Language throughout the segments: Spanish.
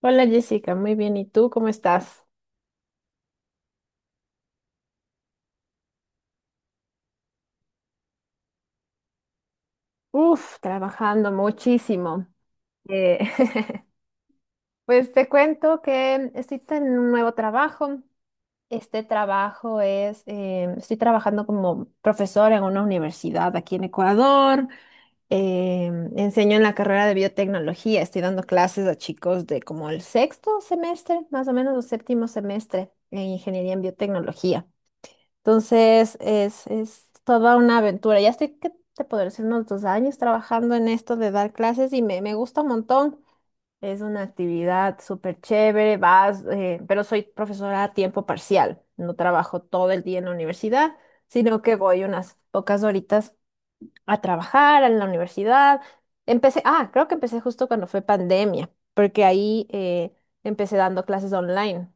Hola Jessica, muy bien. ¿Y tú cómo estás? Uf, trabajando muchísimo. Eh, pues te cuento que estoy en un nuevo trabajo. Este trabajo es, estoy trabajando como profesora en una universidad aquí en Ecuador. Eh, enseño en la carrera de biotecnología. Estoy dando clases a chicos de como el sexto semestre, más o menos, o séptimo semestre en ingeniería en biotecnología. Entonces es toda una aventura. Ya estoy, ¿qué te podré decir? Unos dos años trabajando en esto de dar clases y me gusta un montón. Es una actividad súper chévere, vas, pero soy profesora a tiempo parcial. No trabajo todo el día en la universidad, sino que voy unas pocas horitas a trabajar en la universidad. Creo que empecé justo cuando fue pandemia, porque ahí, empecé dando clases online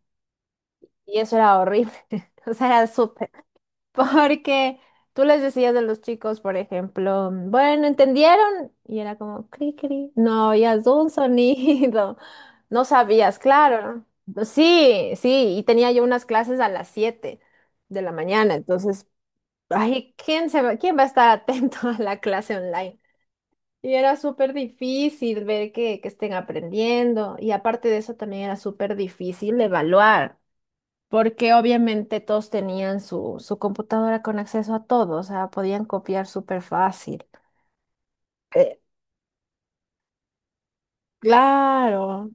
y eso era horrible. O sea, era súper porque tú les decías de los chicos, por ejemplo, bueno, ¿entendieron? Y era como, cri, cri. No oías un sonido. No sabías, claro. Sí, sí, y tenía yo unas clases a las 7 de la mañana, entonces, ay, quién va a estar atento a la clase online? Y era súper difícil ver que estén aprendiendo, y aparte de eso también era súper difícil evaluar porque obviamente todos tenían su computadora con acceso a todo, o sea, podían copiar súper fácil. Eh, claro.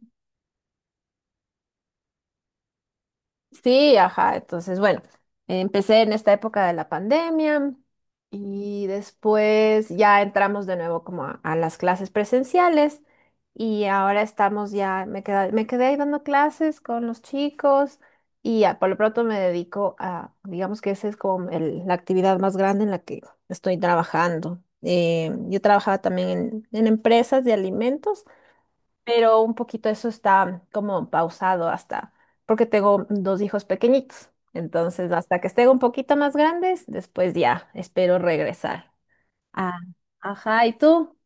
Sí, ajá. Entonces, bueno, empecé en esta época de la pandemia y después ya entramos de nuevo como a las clases presenciales y ahora estamos ya, me quedé ahí dando clases con los chicos y ya, por lo pronto me dedico a, digamos que esa es como la actividad más grande en la que estoy trabajando. Yo trabajaba también en empresas de alimentos, pero un poquito eso está como pausado hasta, porque tengo dos hijos pequeñitos. Entonces, hasta que estén un poquito más grandes, después ya espero regresar. Ah, ajá, ¿y tú?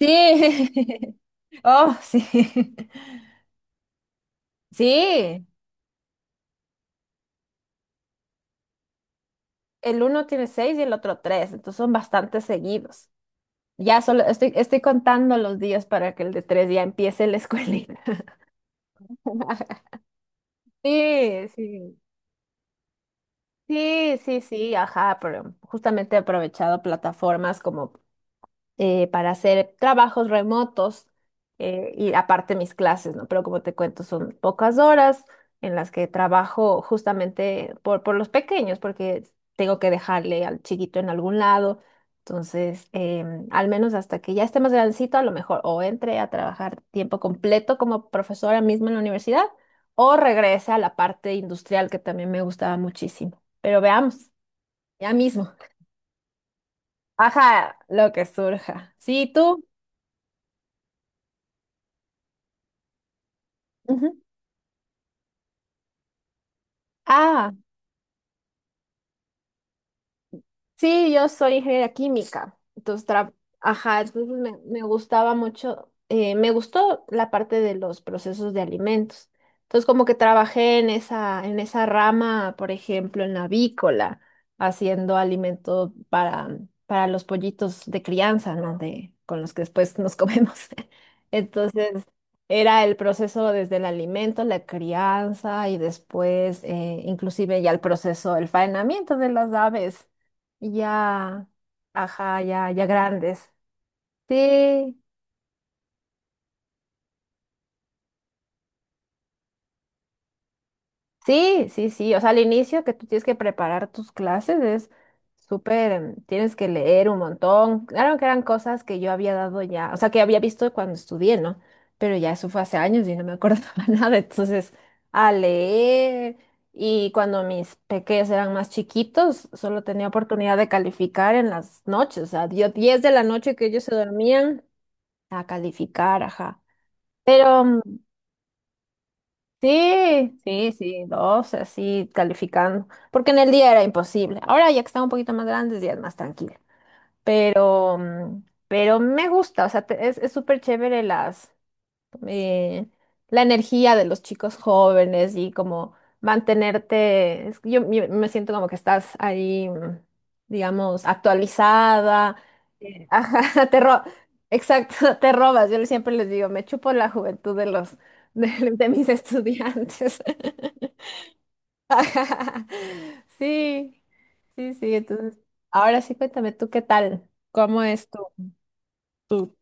Sí. Oh, sí. Sí, el uno tiene seis y el otro tres, entonces son bastante seguidos. Estoy contando los días para que el de tres ya empiece la escuelita. Sí, sí. Sí, sí, sí, ajá, pero justamente he aprovechado plataformas como para hacer trabajos remotos, y aparte mis clases, ¿no? Pero como te cuento, son pocas horas en las que trabajo justamente por los pequeños, porque tengo que dejarle al chiquito en algún lado. Entonces, al menos hasta que ya esté más grandecito, a lo mejor o entre a trabajar tiempo completo como profesora misma en la universidad o regrese a la parte industrial que también me gustaba muchísimo. Pero veamos, ya mismo. Ajá, lo que surja. Sí, tú. Ujú. Ah, sí, yo soy ingeniera química, entonces, ajá, entonces me gustaba mucho, me gustó la parte de los procesos de alimentos. Entonces, como que trabajé en esa rama, por ejemplo, en la avícola, haciendo alimento para los pollitos de crianza, ¿no? De, con los que después nos comemos. Entonces, era el proceso desde el alimento, la crianza y después, inclusive ya el proceso, el faenamiento de las aves. Ya, ajá, ya, ya grandes. Sí, sí, sí, sí. O sea, al inicio que tú tienes que preparar tus clases es súper, tienes que leer un montón. Claro que eran cosas que yo había dado ya, o sea, que había visto cuando estudié, ¿no? Pero ya eso fue hace años y no me acordaba nada. Entonces, a leer. Y cuando mis pequeños eran más chiquitos, solo tenía oportunidad de calificar en las noches. O sea, dio 10 de la noche que ellos se dormían a calificar, ajá. Pero sí, sí, sí, dos, así calificando, porque en el día era imposible. Ahora ya que están un poquito más grandes, ya es más tranquila. Pero, mm, pero me gusta, o sea, es súper chévere las, eh, la energía de los chicos jóvenes y como mantenerte, es que yo me siento como que estás ahí, digamos, actualizada. Sí. Ajá, te ro- exacto, te robas. Yo siempre les digo, me chupo la juventud de los de, de mis estudiantes. Ajá. Sí, sí, sí. Entonces, ahora sí cuéntame, ¿tú qué tal? ¿Cómo es tu-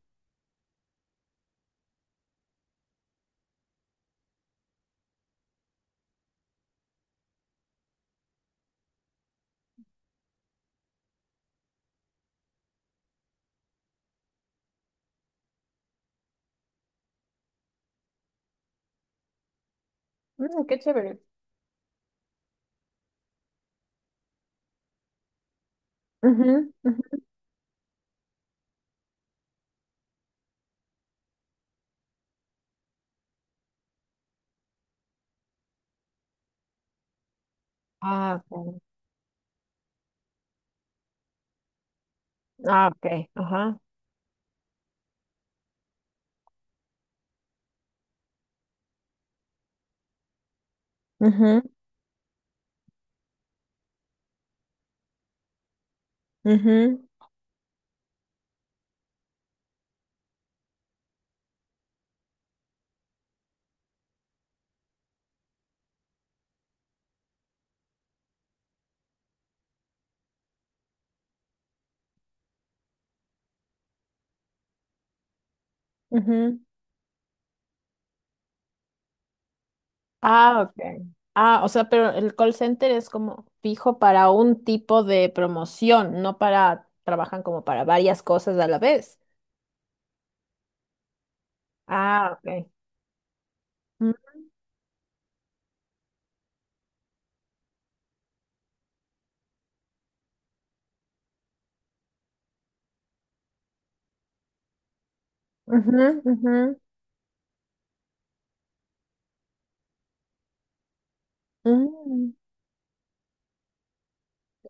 Mm, qué chévere. Ujú, ujú. Ah, ok. Ah, ok, ajá. Ujú, ujú, ujú. Ah, ok. Ah, o sea, pero el call center es como fijo para un tipo de promoción, no para, trabajan como para varias cosas a la vez. Ah, ok. Mm, ujú, ujú, mm.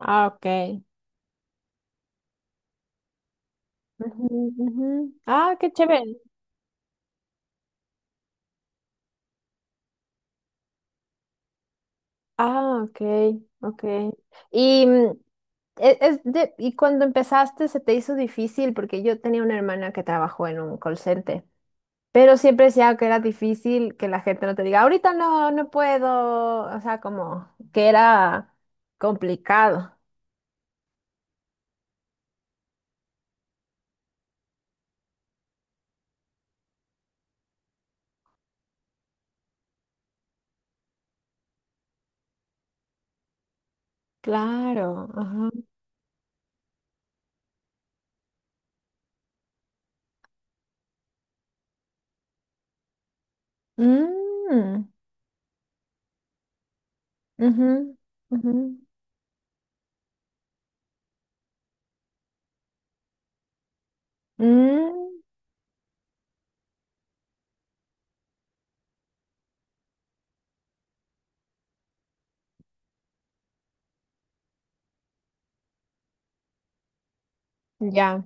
Ah, ok. Ujú, ujú. Ah, qué chévere. Ah, ok, ok. Y y cuando empezaste se te hizo difícil porque yo tenía una hermana que trabajó en un call center. Pero siempre decía que era difícil que la gente no te diga, ahorita no, no puedo, o sea, como que era complicado. Claro, ajá. Mm, ujú, ujú. Mm, ya.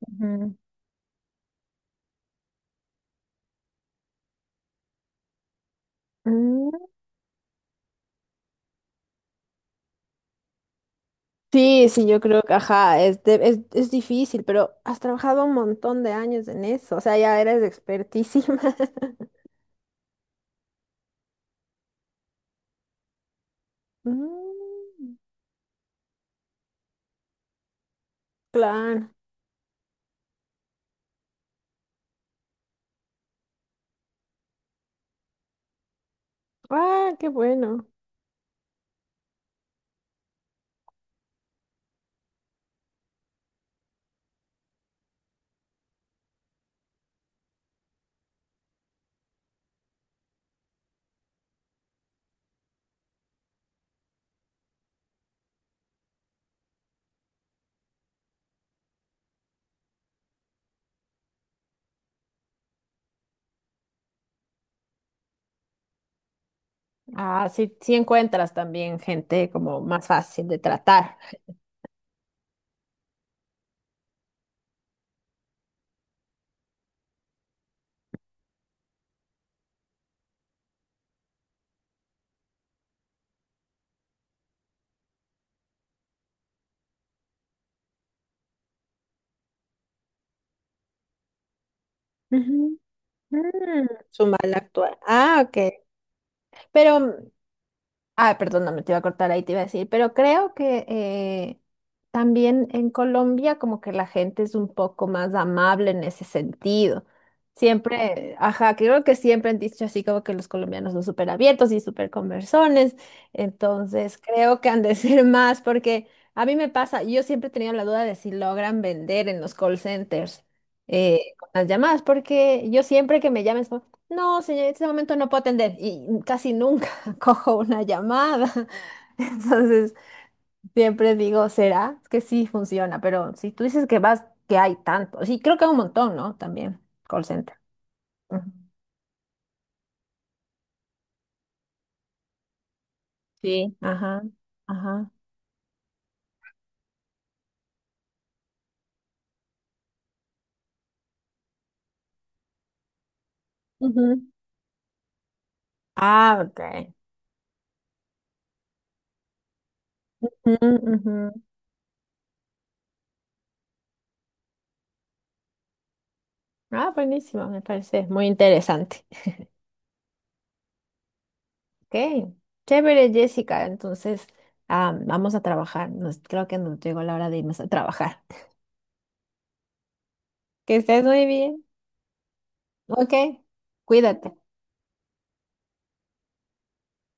Ujú. Mm. Sí, sí, yo creo que, ajá, es difícil, pero has trabajado un montón de años en eso, o sea, ya eres expertísima. Mm, claro. Ah, qué bueno. Ah, sí, sí encuentras también gente como más fácil de tratar. Ujú. Mm, su mal actuar. Ah, ok. Pero ah, perdón, no me te iba a cortar ahí, te iba a decir, pero creo que también en Colombia como que la gente es un poco más amable en ese sentido. Siempre, ajá, creo que siempre han dicho así como que los colombianos son súper abiertos y súper conversones, entonces creo que han de ser más porque a mí me pasa, yo siempre he tenido la duda de si logran vender en los call centers, con las llamadas, porque yo siempre que me llamen, es como, no, señor, en este momento no puedo atender y casi nunca cojo una llamada. Entonces, siempre digo, ¿será? Es que sí funciona, pero si tú dices que vas, que hay tanto, sí, creo que hay un montón, ¿no? También, call center. Ujú. Sí. Ajá, ajá. Ujú. Ah, ok. Ujú, ujú. Ah, buenísimo, me parece muy interesante. Ok, chévere, Jessica. Entonces, ah, vamos a trabajar. Nos, creo que nos llegó la hora de irnos a trabajar. Que estés muy bien. Ok, cuídate.